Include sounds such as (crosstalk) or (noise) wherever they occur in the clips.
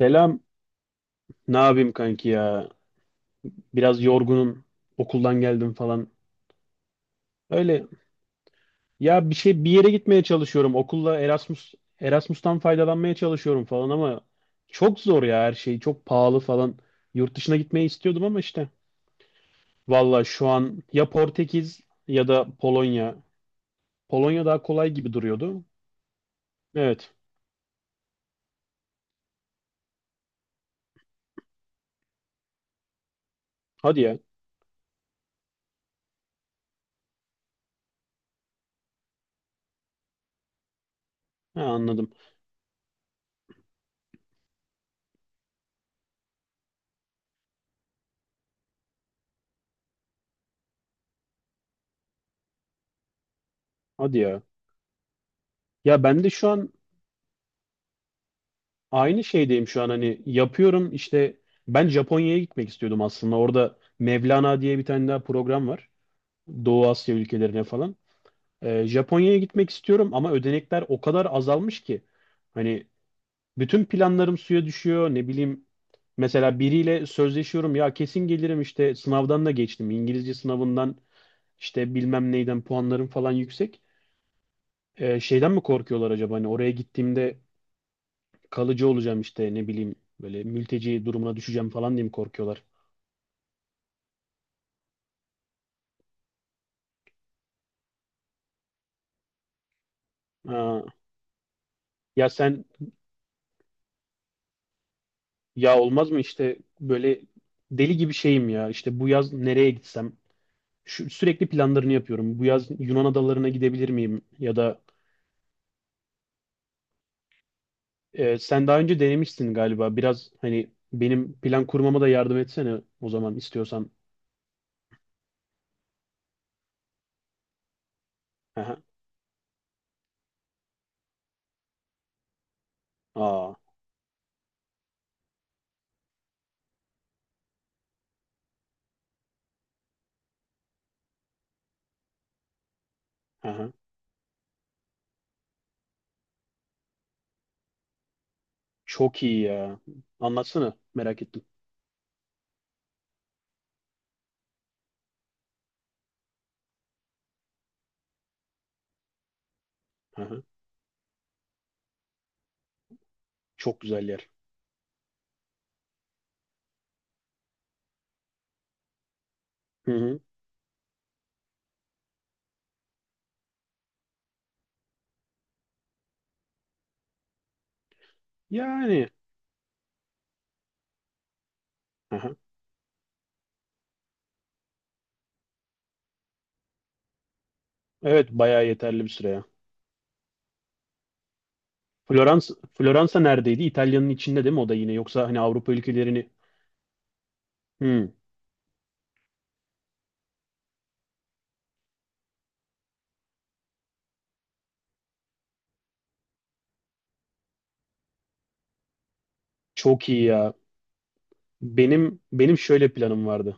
Selam. Ne yapayım kanki ya? Biraz yorgunum. Okuldan geldim falan. Öyle. Ya bir şey bir yere gitmeye çalışıyorum. Okulla Erasmus'tan faydalanmaya çalışıyorum falan ama çok zor ya her şey. Çok pahalı falan. Yurt dışına gitmeyi istiyordum ama işte. Valla şu an ya Portekiz, ya da Polonya. Polonya daha kolay gibi duruyordu. Evet. Hadi ya. Ha, anladım. Hadi ya. Ya ben de şu an aynı şeydeyim şu an, hani yapıyorum işte, ben Japonya'ya gitmek istiyordum aslında. Orada Mevlana diye bir tane daha program var. Doğu Asya ülkelerine falan. Japonya'ya gitmek istiyorum ama ödenekler o kadar azalmış ki hani bütün planlarım suya düşüyor, ne bileyim. Mesela biriyle sözleşiyorum ya, kesin gelirim işte, sınavdan da geçtim. İngilizce sınavından işte bilmem neyden puanlarım falan yüksek. Şeyden mi korkuyorlar acaba, hani oraya gittiğimde kalıcı olacağım işte, ne bileyim, böyle mülteci durumuna düşeceğim falan diye mi korkuyorlar? Ha. Ya sen? Ya olmaz mı, işte böyle deli gibi şeyim ya, işte bu yaz nereye gitsem, sürekli planlarını yapıyorum. Bu yaz Yunan adalarına gidebilir miyim? Ya da sen daha önce denemişsin galiba, biraz hani benim plan kurmama da yardım etsene o zaman istiyorsan. Aha. Aa. Aha. Çok iyi ya. Anlatsana, merak ettim. Aha, çok güzel yer. Hı hı. Yani. Aha. Evet, bayağı yeterli bir süre ya. Floransa neredeydi? İtalya'nın içinde değil mi o da yine? Yoksa hani Avrupa ülkelerini... Hmm, çok iyi ya. Benim şöyle planım vardı.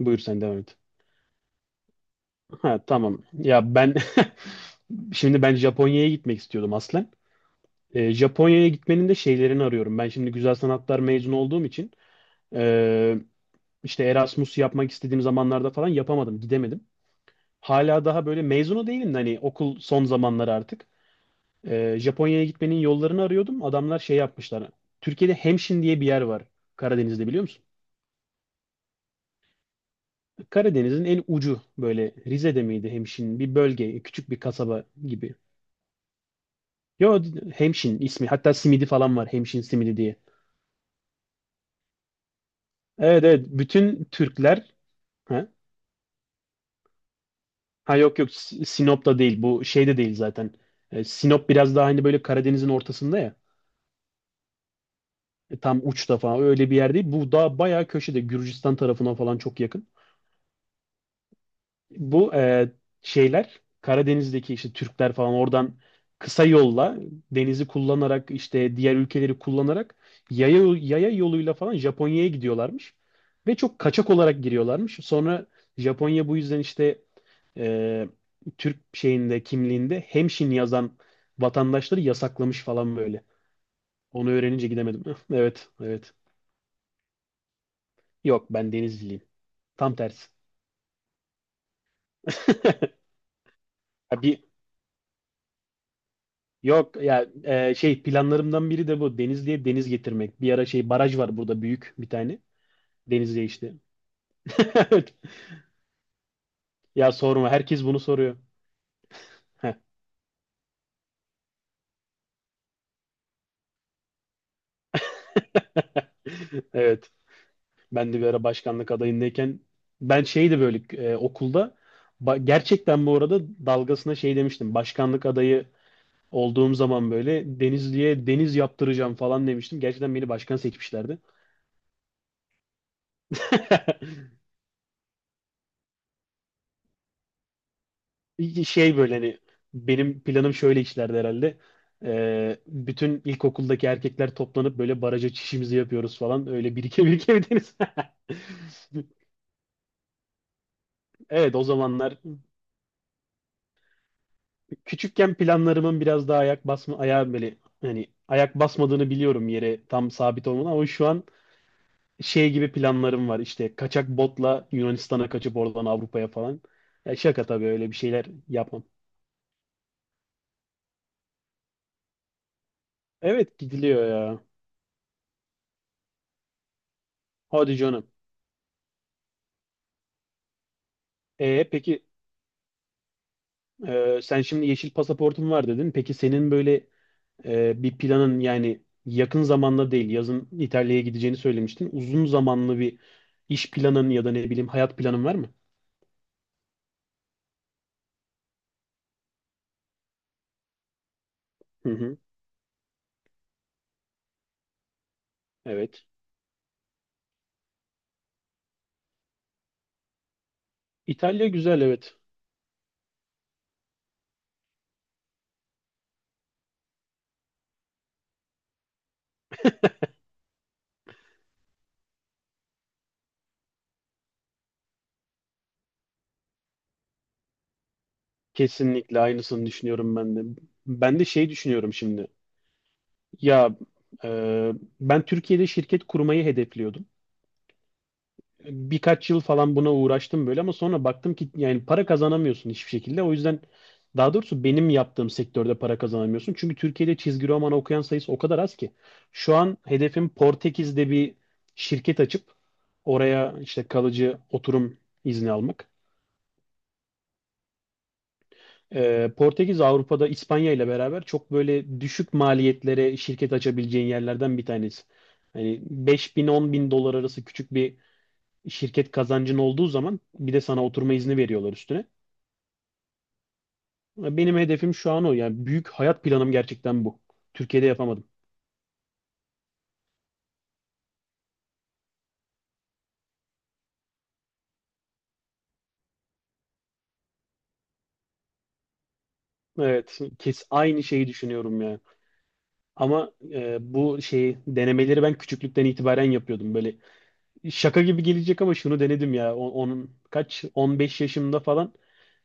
Buyur sen devam et. Ha, tamam. Ya ben (laughs) şimdi ben Japonya'ya gitmek istiyordum aslen. Japonya'ya gitmenin de şeylerini arıyorum. Ben şimdi güzel sanatlar mezunu olduğum için ee, işte Erasmus yapmak istediğim zamanlarda falan yapamadım, gidemedim. Hala daha böyle mezunu değilim de hani, okul son zamanları artık. Japonya'ya gitmenin yollarını arıyordum. Adamlar şey yapmışlar. Türkiye'de Hemşin diye bir yer var, Karadeniz'de, biliyor musun? Karadeniz'in en ucu, böyle Rize'de miydi Hemşin? Bir bölge, küçük bir kasaba gibi. Yo, Hemşin ismi. Hatta simidi falan var, Hemşin simidi diye. Evet, evet. Bütün Türkler. Ha, ha, yok, yok, Sinop'ta değil. Bu şeyde değil zaten. Sinop biraz daha hani böyle Karadeniz'in ortasında ya. Tam uçta falan, öyle bir yer değil. Bu daha bayağı köşede, Gürcistan tarafına falan çok yakın. Bu şeyler Karadeniz'deki işte Türkler falan, oradan kısa yolla denizi kullanarak, işte diğer ülkeleri kullanarak, yaya yoluyla falan Japonya'ya gidiyorlarmış. Ve çok kaçak olarak giriyorlarmış. Sonra Japonya bu yüzden işte e, Türk şeyinde, kimliğinde hemşin yazan vatandaşları yasaklamış falan böyle. Onu öğrenince gidemedim. (laughs) Evet, evet. Yok, ben Denizliyim. Tam tersi. (laughs) Ya Bir Yok ya, şey planlarımdan biri de bu. Denizli'ye deniz getirmek. Bir ara şey, baraj var burada büyük bir tane. Denizli'ye işte. (laughs) Evet. Ya sorma, herkes bunu soruyor. Heh. (laughs) Evet. Ben de bir ara başkanlık adayındayken şeydi böyle okulda, gerçekten bu arada dalgasına şey demiştim. Başkanlık adayı olduğum zaman böyle Denizli'ye deniz yaptıracağım falan demiştim. Gerçekten beni başkan seçmişlerdi. (laughs) Şey böyle hani, benim planım şöyle işlerdi herhalde. Bütün ilkokuldaki erkekler toplanıp böyle baraja çişimizi yapıyoruz falan. Öyle birike birike bir deniz. (laughs) Evet, o zamanlar küçükken planlarımın biraz daha ayak basma, ayağa, böyle hani ayak basmadığını biliyorum yere tam sabit olmadan, ama şu an şey gibi planlarım var, işte kaçak botla Yunanistan'a kaçıp oradan Avrupa'ya falan. Ya şaka tabii, öyle bir şeyler yapmam. Evet, gidiliyor ya. Hadi canım. E peki sen şimdi yeşil pasaportun var dedin. Peki senin böyle bir planın, yani yakın zamanda değil, yazın İtalya'ya gideceğini söylemiştin. Uzun zamanlı bir iş planın ya da ne bileyim hayat planın var mı? Hı hı, evet. İtalya güzel, evet. Kesinlikle aynısını düşünüyorum ben de. Ben de şey düşünüyorum şimdi. Ya e, ben Türkiye'de şirket kurmayı hedefliyordum. Birkaç yıl falan buna uğraştım böyle ama sonra baktım ki, yani para kazanamıyorsun hiçbir şekilde. O yüzden, daha doğrusu benim yaptığım sektörde para kazanamıyorsun. Çünkü Türkiye'de çizgi roman okuyan sayısı o kadar az ki. Şu an hedefim Portekiz'de bir şirket açıp oraya işte kalıcı oturum izni almak. Portekiz Avrupa'da İspanya ile beraber çok böyle düşük maliyetlere şirket açabileceğin yerlerden bir tanesi. Hani 5 bin 10 bin dolar arası küçük bir şirket kazancın olduğu zaman bir de sana oturma izni veriyorlar üstüne. Benim hedefim şu an o. Yani büyük hayat planım gerçekten bu. Türkiye'de yapamadım. Evet, kes, aynı şeyi düşünüyorum ya. Ama bu şeyi denemeleri ben küçüklükten itibaren yapıyordum. Böyle şaka gibi gelecek ama şunu denedim ya. Onun kaç, 15 yaşımda falan,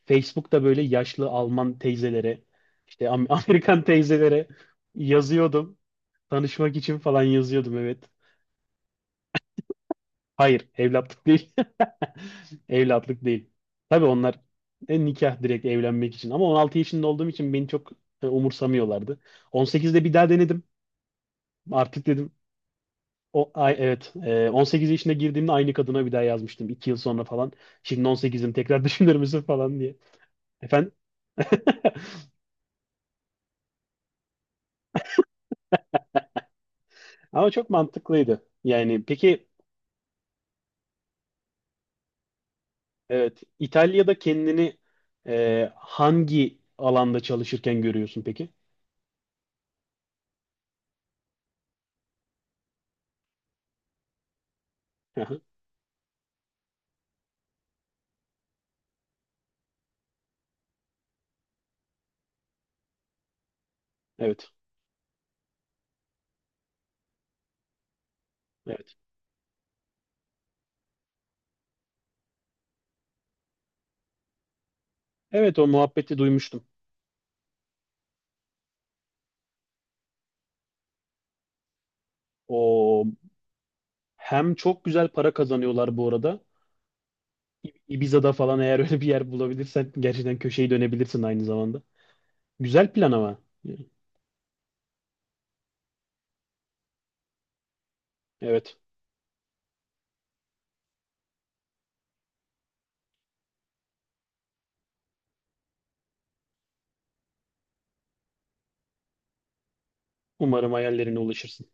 Facebook'ta böyle yaşlı Alman teyzelere, işte (laughs) Amerikan teyzelere yazıyordum. Tanışmak için falan yazıyordum, evet. Hayır, evlatlık değil. (laughs) Evlatlık değil. Tabii onlar nikah, direkt evlenmek için. Ama 16 yaşında olduğum için beni çok umursamıyorlardı. 18'de bir daha denedim. Artık dedim, o ay evet, 18 yaşında girdiğimde aynı kadına bir daha yazmıştım, 2 yıl sonra falan. Şimdi 18'im, tekrar (laughs) düşünür müsün falan diye. Efendim? (laughs) Ama çok mantıklıydı. Yani peki, evet, İtalya'da kendini hangi alanda çalışırken görüyorsun peki? Aha. Evet. Evet. Evet, o muhabbeti duymuştum. O Hem çok güzel para kazanıyorlar bu arada. Ibiza'da falan, eğer öyle bir yer bulabilirsen, gerçekten köşeyi dönebilirsin aynı zamanda. Güzel plan ama. Evet. Umarım hayallerine ulaşırsın.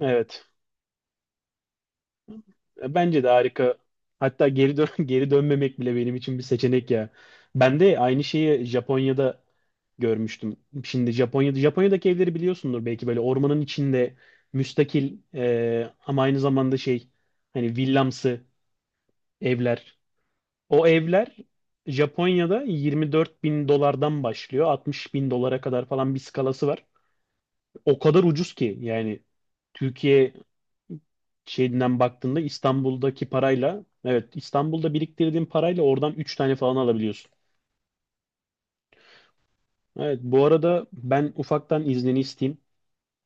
Evet. Bence de harika. Hatta geri dön (laughs) geri dönmemek bile benim için bir seçenek ya. Ben de aynı şeyi Japonya'da görmüştüm. Şimdi Japonya'daki evleri biliyorsundur belki, böyle ormanın içinde müstakil, ama aynı zamanda şey, hani villamsı evler. O evler Japonya'da 24 bin dolardan başlıyor. 60 bin dolara kadar falan bir skalası var. O kadar ucuz ki yani, Türkiye şeyinden baktığında, İstanbul'daki parayla, evet İstanbul'da biriktirdiğin parayla oradan 3 tane falan alabiliyorsun. Evet, bu arada ben ufaktan iznini isteyeyim.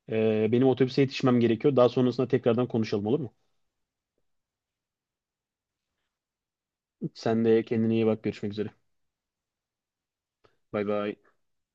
Benim otobüse yetişmem gerekiyor. Daha sonrasında tekrardan konuşalım, olur mu? Sen de kendine iyi bak. Görüşmek üzere. Bay bay.